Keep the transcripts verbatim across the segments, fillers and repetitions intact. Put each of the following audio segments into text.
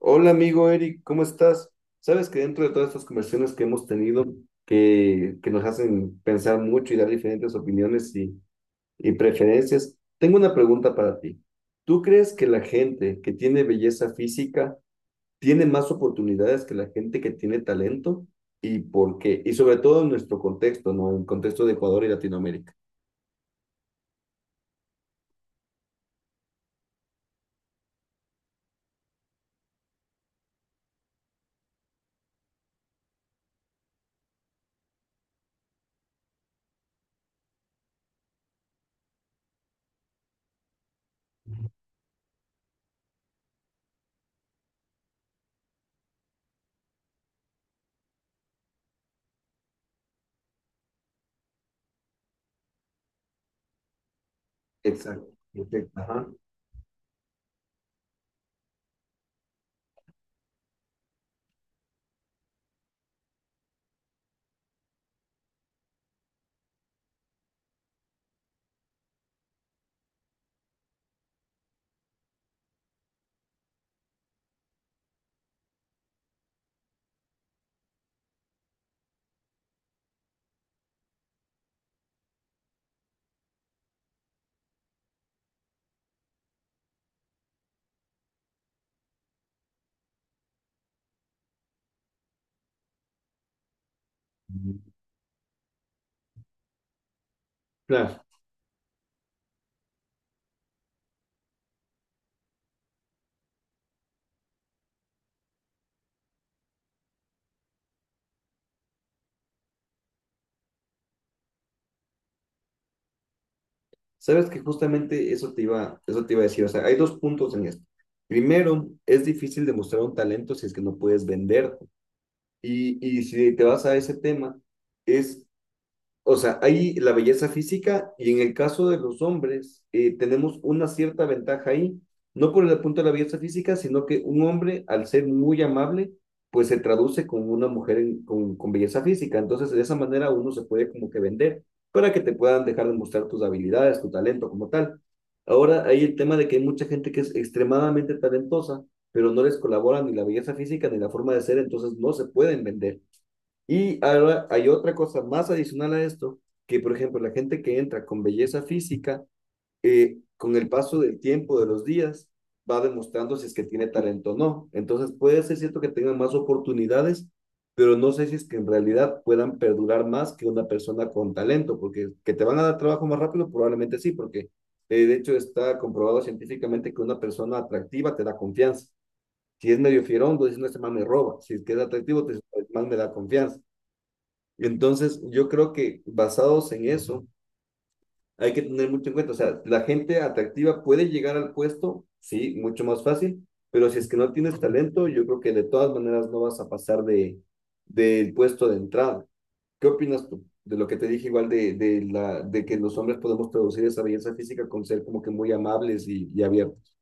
Hola amigo Eric, ¿cómo estás? Sabes que dentro de todas estas conversaciones que hemos tenido, que, que nos hacen pensar mucho y dar diferentes opiniones y, y preferencias, tengo una pregunta para ti. ¿Tú crees que la gente que tiene belleza física tiene más oportunidades que la gente que tiene talento? ¿Y por qué? Y sobre todo en nuestro contexto, ¿no? En el contexto de Ecuador y Latinoamérica. Exacto, perfecto. Ajá. Claro. Sabes que justamente eso te iba, eso te iba a decir, o sea, hay dos puntos en esto. Primero, es difícil demostrar un talento si es que no puedes venderlo. Y, y si te vas a ese tema, es, o sea, hay la belleza física y en el caso de los hombres eh, tenemos una cierta ventaja ahí, no por el punto de la belleza física, sino que un hombre al ser muy amable, pues se traduce con una mujer en- con, con belleza física. Entonces, de esa manera uno se puede como que vender para que te puedan dejar de mostrar tus habilidades, tu talento como tal. Ahora hay el tema de que hay mucha gente que es extremadamente talentosa, pero no les colabora ni la belleza física ni la forma de ser, entonces no se pueden vender. Y ahora hay otra cosa más adicional a esto, que por ejemplo la gente que entra con belleza física, eh, con el paso del tiempo, de los días, va demostrando si es que tiene talento o no. Entonces puede ser cierto que tengan más oportunidades, pero no sé si es que en realidad puedan perdurar más que una persona con talento, porque que te van a dar trabajo más rápido, probablemente sí, porque eh, de hecho está comprobado científicamente que una persona atractiva te da confianza. Si es medio fierón, tú dices, no, este man me roba. Si es que es atractivo, te dices, "Este man me da confianza". Entonces, yo creo que basados en eso, hay que tener mucho en cuenta. O sea, la gente atractiva puede llegar al puesto, sí, mucho más fácil, pero si es que no tienes talento, yo creo que de todas maneras no vas a pasar de, del puesto de entrada. ¿Qué opinas tú de lo que te dije igual de, de, la, de que los hombres podemos traducir esa belleza física con ser como que muy amables y, y abiertos?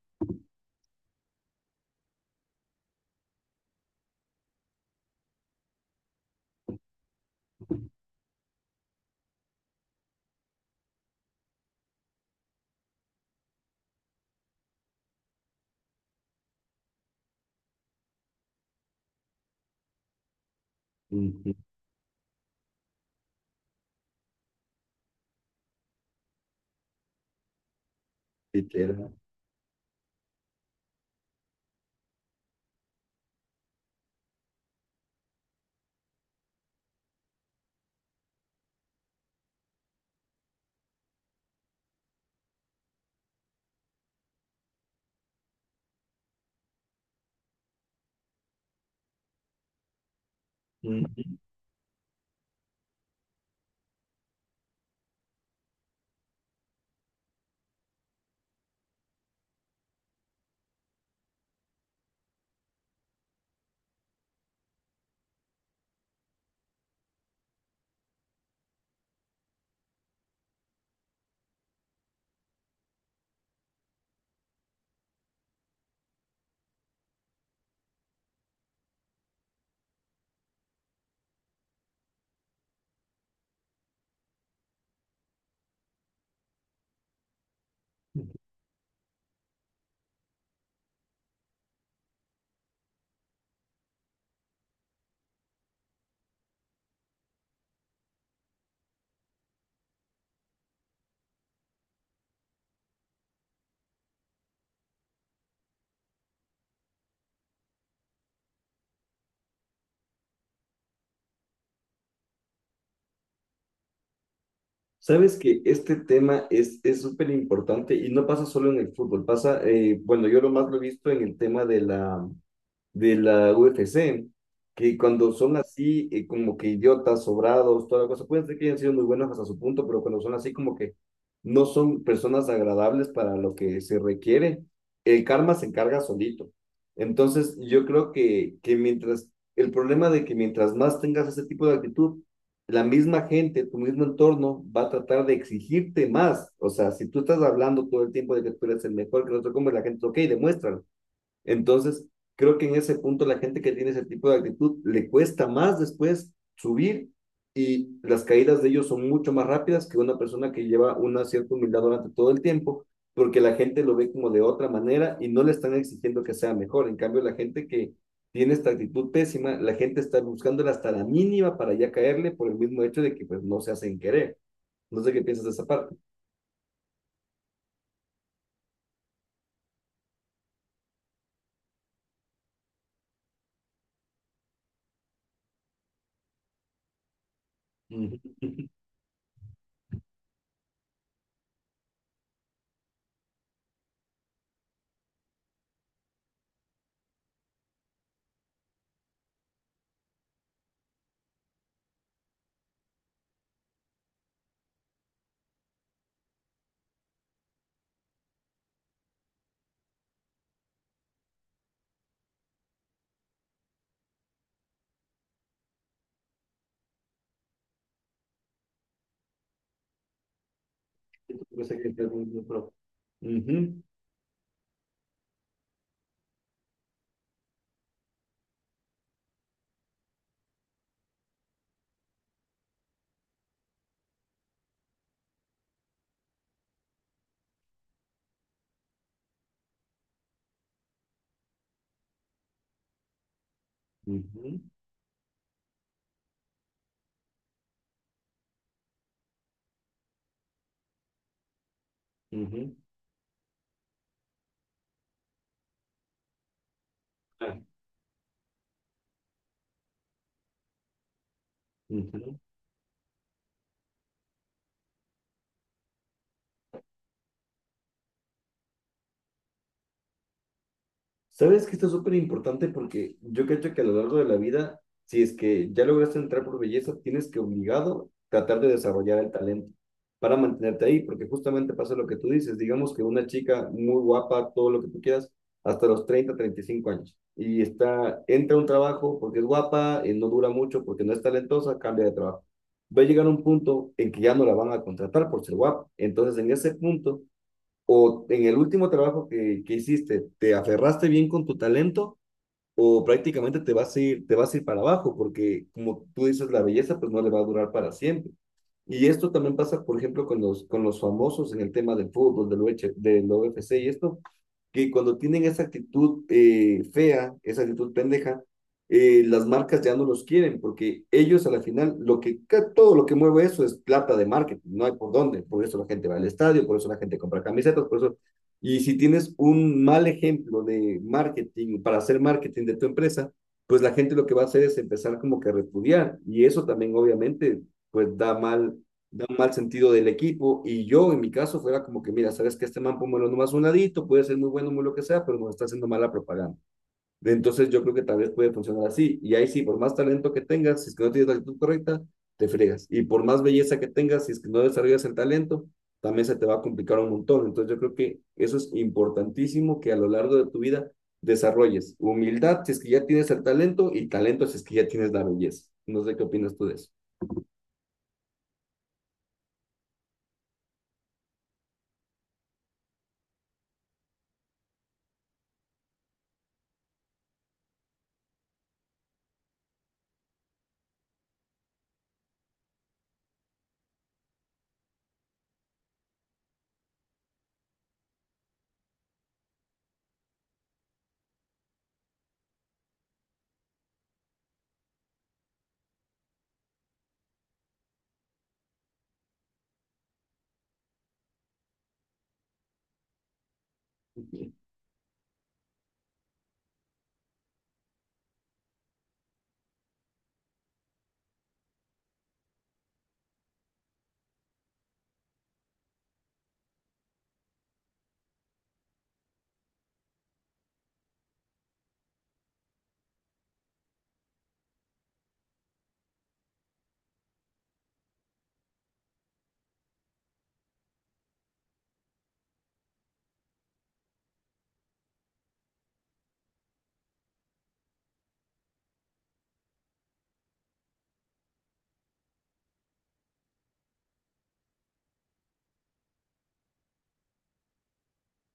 Ujú. Literal. Ujú. Sabes que este tema es es súper importante y no pasa solo en el fútbol, pasa, eh, bueno, yo lo más lo he visto en el tema de la, de la U F C, que cuando son así, eh, como que idiotas, sobrados, toda la cosa, pueden ser que hayan sido muy buenos hasta su punto, pero cuando son así, como que no son personas agradables para lo que se requiere, el karma se encarga solito. Entonces, yo creo que, que mientras, el problema de que mientras más tengas ese tipo de actitud, la misma gente, tu mismo entorno va a tratar de exigirte más. O sea, si tú estás hablando todo el tiempo de que tú eres el mejor que no te comes la gente, ok, demuéstralo entonces, creo que en ese punto la gente que tiene ese tipo de actitud le cuesta más después subir y las caídas de ellos son mucho más rápidas que una persona que lleva una cierta humildad durante todo el tiempo, porque la gente lo ve como de otra manera y no le están exigiendo que sea mejor. En cambio, la gente que tiene esta actitud pésima, la gente está buscándola hasta la mínima para ya caerle por el mismo hecho de que pues no se hacen querer. No sé qué piensas de esa parte. Uh -huh. Uh -huh. Uh -huh. Ujú. Sabes que esto es súper importante porque yo creo que a lo largo de la vida, si es que ya lograste entrar por belleza, tienes que obligado tratar de desarrollar el talento para mantenerte ahí, porque justamente pasa lo que tú dices, digamos que una chica muy guapa, todo lo que tú quieras, hasta los treinta treinta y cinco años, y está, entra a un trabajo porque es guapa, eh, no dura mucho, porque no es talentosa, cambia de trabajo. Va a llegar un punto en que ya no la van a contratar por ser guapa. Entonces, en ese punto o en el último trabajo que, que hiciste, te aferraste bien con tu talento o prácticamente te vas a ir, te vas a ir para abajo, porque como tú dices, la belleza pues no le va a durar para siempre. Y esto también pasa, por ejemplo, con los, con los famosos en el tema del fútbol, del, UH del U F C y esto, que cuando tienen esa actitud eh, fea, esa actitud pendeja, eh, las marcas ya no los quieren, porque ellos a la final, lo que, todo lo que mueve eso es plata de marketing, no hay por dónde, por eso la gente va al estadio, por eso la gente compra camisetas, por eso y si tienes un mal ejemplo de marketing para hacer marketing de tu empresa, pues la gente lo que va a hacer es empezar como que a repudiar. Y eso también obviamente pues da mal, da un mal sentido del equipo. Y yo en mi caso fuera como que, mira, sabes que este man póngalo nomás un ladito, puede ser muy bueno, muy lo que sea, pero nos está haciendo mala propaganda. Entonces yo creo que tal vez puede funcionar así. Y ahí sí, por más talento que tengas, si es que no tienes la actitud correcta, te fregas. Y por más belleza que tengas, si es que no desarrollas el talento, también se te va a complicar un montón. Entonces yo creo que eso es importantísimo que a lo largo de tu vida desarrolles humildad si es que ya tienes el talento y talento si es que ya tienes la belleza. No sé qué opinas tú de eso.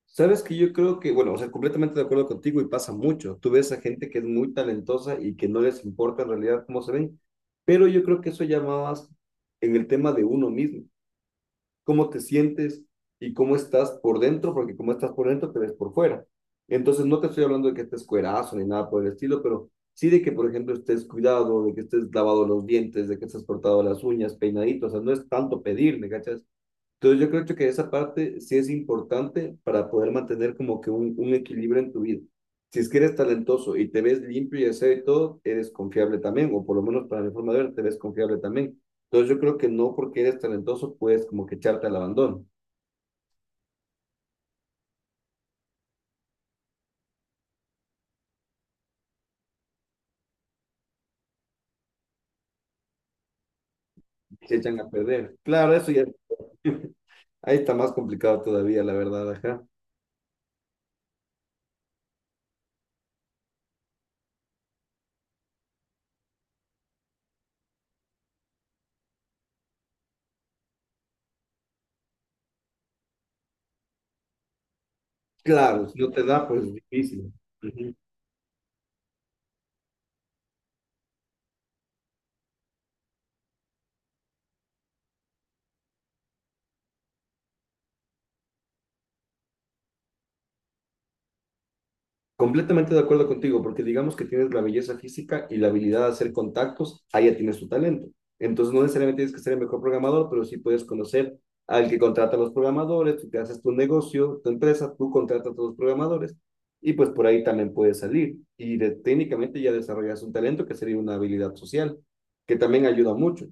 Sabes que yo creo que, bueno, o sea, completamente de acuerdo contigo y pasa mucho. Tú ves a gente que es muy talentosa y que no les importa en realidad cómo se ven, pero yo creo que eso ya va más en el tema de uno mismo, cómo te sientes y cómo estás por dentro, porque como estás por dentro te ves por fuera. Entonces no te estoy hablando de que estés cuerazo ni nada por el estilo, pero sí de que, por ejemplo, estés cuidado, de que estés lavado los dientes, de que estés cortado las uñas, peinadito, o sea, no es tanto pedir, ¿me cachas? Entonces yo creo que esa parte sí es importante para poder mantener como que un, un equilibrio en tu vida. Si es que eres talentoso y te ves limpio y aseo y todo, eres confiable también, o por lo menos para mi forma de ver, te ves confiable también. Entonces yo creo que no porque eres talentoso puedes como que echarte al abandono, se echan a perder. Claro, eso ya, ahí está más complicado todavía, la verdad, ajá. Claro, si no te da, pues difícil. Ujú. Completamente de acuerdo contigo, porque digamos que tienes la belleza física y la habilidad de hacer contactos, ahí ya tienes tu talento. Entonces no necesariamente tienes que ser el mejor programador, pero sí puedes conocer al que contrata a los programadores, tú te haces tu negocio, tu empresa, tú contratas a todos los programadores y pues por ahí también puedes salir. Y de- técnicamente ya desarrollas un talento que sería una habilidad social, que también ayuda mucho.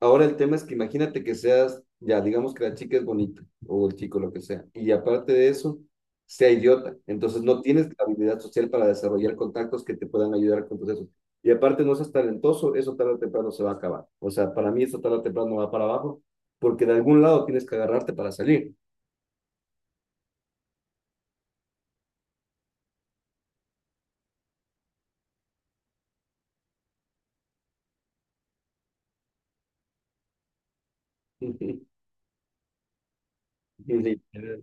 Ahora el tema es que imagínate que seas, ya digamos que la chica es bonita o el chico, lo que sea, y aparte de eso, sea idiota. Entonces no tienes la habilidad social para desarrollar contactos que te puedan ayudar con todo eso. Y aparte no seas talentoso, eso tarde o temprano se va a acabar. O sea, para mí eso tarde o temprano va para abajo, porque de algún lado tienes que agarrarte para salir. Literal.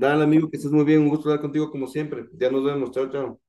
Dale, amigo, que estés muy bien. Un gusto hablar contigo como siempre. Ya nos vemos. Chao, chao.